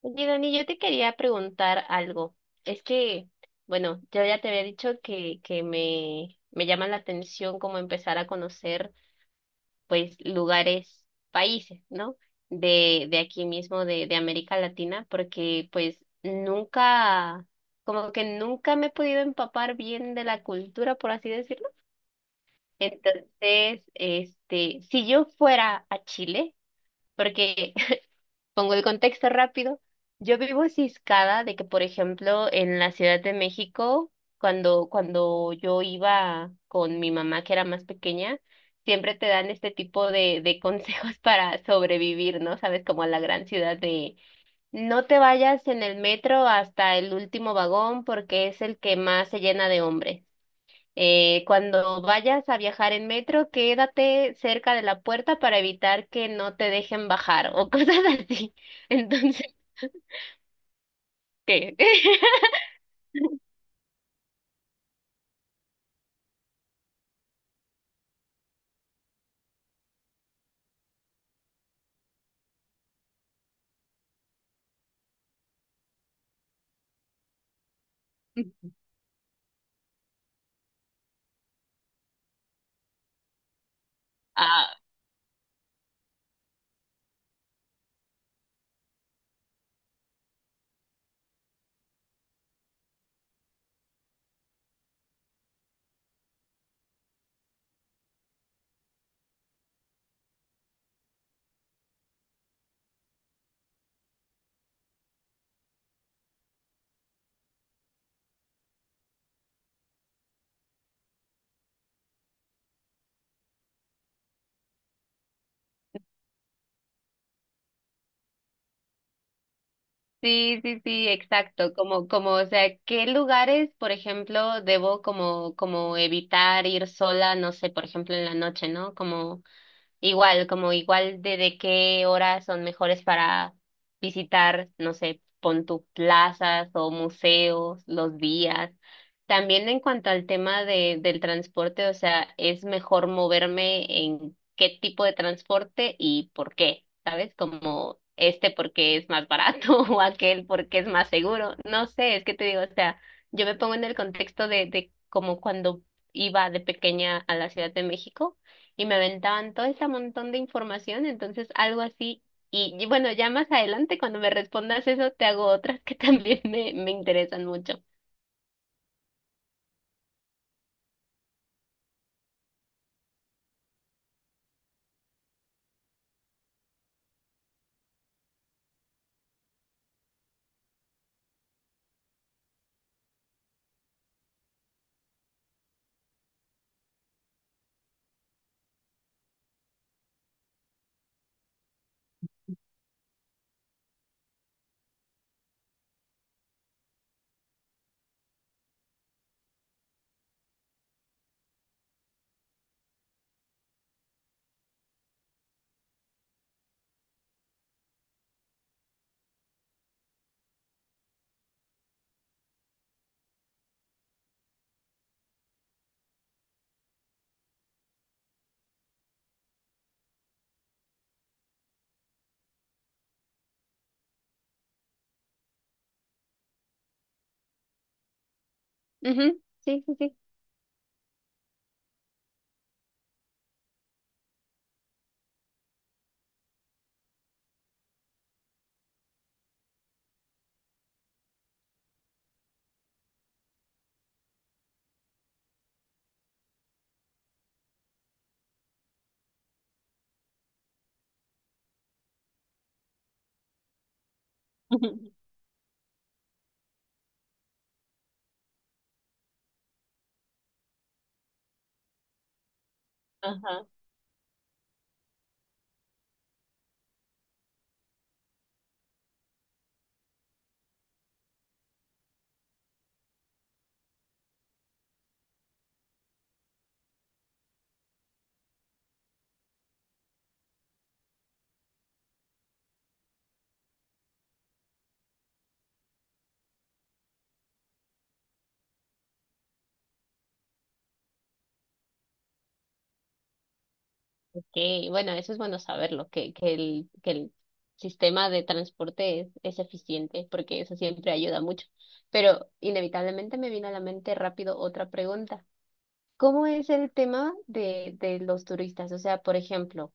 Oye, Dani, yo te quería preguntar algo. Es que, bueno, yo ya te había dicho que me llama la atención como empezar a conocer, pues, lugares, países, ¿no? De aquí mismo, de América Latina, porque, pues, nunca, como que nunca me he podido empapar bien de la cultura, por así decirlo. Entonces, este, si yo fuera a Chile, porque pongo el contexto rápido. Yo vivo ciscada de que, por ejemplo, en la Ciudad de México, cuando yo iba con mi mamá, que era más pequeña, siempre te dan este tipo de consejos para sobrevivir, ¿no? Sabes, como a la gran ciudad de no te vayas en el metro hasta el último vagón porque es el que más se llena de hombres. Cuando vayas a viajar en metro, quédate cerca de la puerta para evitar que no te dejen bajar o cosas así. Entonces, ¿qué? Ah, sí, sí, sí, exacto. O sea, ¿qué lugares, por ejemplo, debo como, como evitar ir sola, no sé, por ejemplo, en la noche, ¿no? Como igual, como igual de qué horas son mejores para visitar, no sé, pon tu plazas o museos, los días. También en cuanto al tema de, del transporte, o sea, es mejor moverme en qué tipo de transporte y por qué, ¿sabes? Como este porque es más barato o aquel porque es más seguro. No sé, es que te digo, o sea, yo me pongo en el contexto de como cuando iba de pequeña a la Ciudad de México y me aventaban todo ese montón de información, entonces algo así. Y bueno, ya más adelante, cuando me respondas eso, te hago otras que también me interesan mucho. Ujú. Sí, sí, sí. Ujú. Ajá, okay. Bueno, eso es bueno saberlo, que el sistema de transporte es eficiente, porque eso siempre ayuda mucho. Pero inevitablemente me vino a la mente rápido otra pregunta. ¿Cómo es el tema de los turistas? O sea, por ejemplo,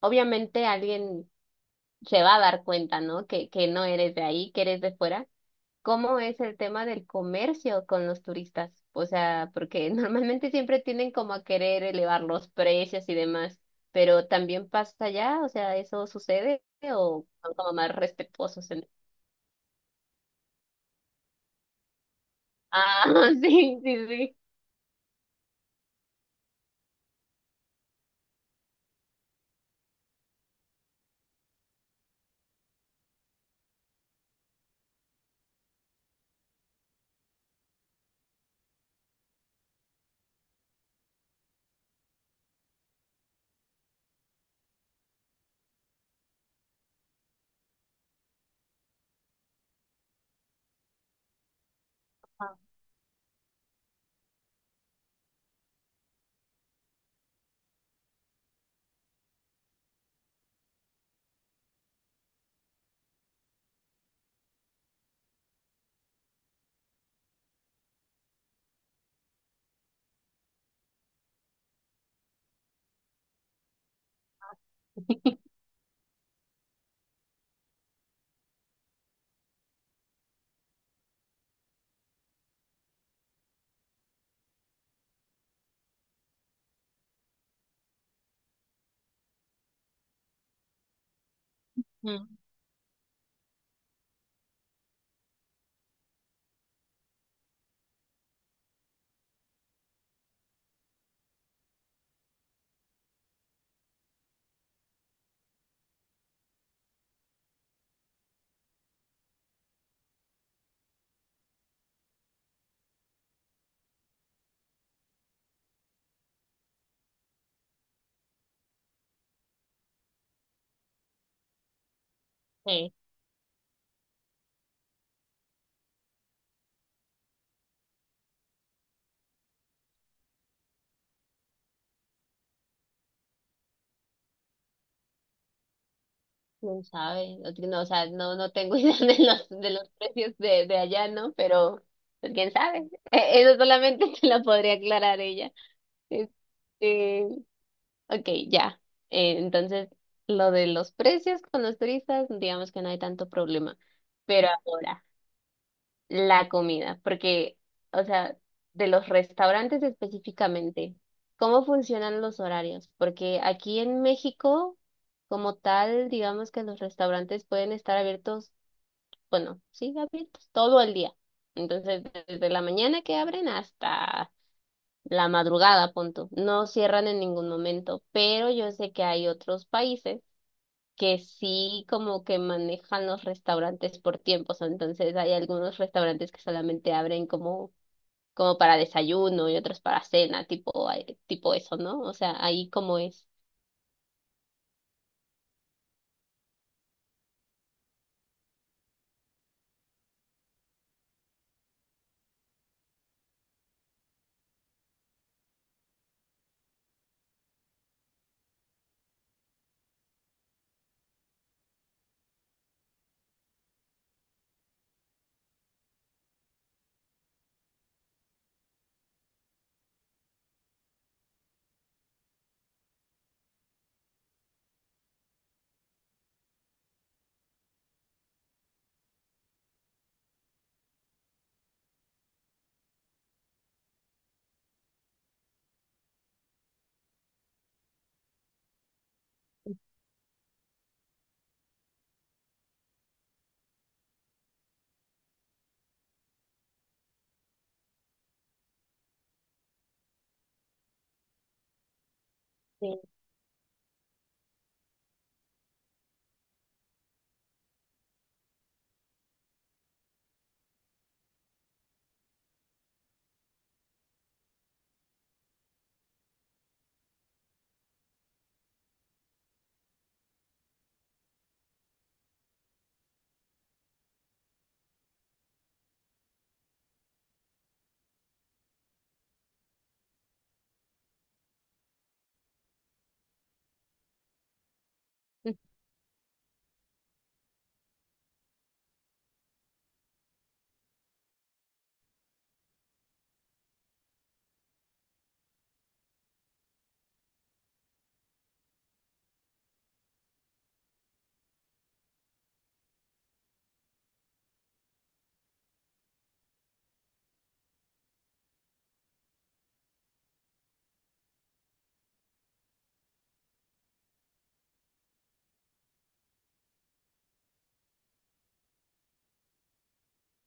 obviamente alguien se va a dar cuenta, ¿no? Que no eres de ahí, que eres de fuera. ¿Cómo es el tema del comercio con los turistas? O sea, porque normalmente siempre tienden como a querer elevar los precios y demás, pero también pasa allá, o sea, ¿eso sucede o son como más respetuosos? En- ah, sí, sí, sí. Ah, mm, sí, quién sabe, no, ti- no, o sea, no, no tengo idea de los precios de allá, ¿no? Pero, pues, quién sabe. Eso solamente te lo podría aclarar ella. Este, ok, ya. Entonces, lo de los precios con los turistas, digamos que no hay tanto problema. Pero ahora, la comida, porque, o sea, de los restaurantes específicamente, ¿cómo funcionan los horarios? Porque aquí en México, como tal, digamos que los restaurantes pueden estar abiertos, bueno, sí, abiertos todo el día. Entonces, desde la mañana que abren hasta la madrugada, punto. No cierran en ningún momento, pero yo sé que hay otros países que sí como que manejan los restaurantes por tiempos, entonces hay algunos restaurantes que solamente abren como como para desayuno y otros para cena, tipo tipo eso, ¿no? O sea, ahí como es. Sí.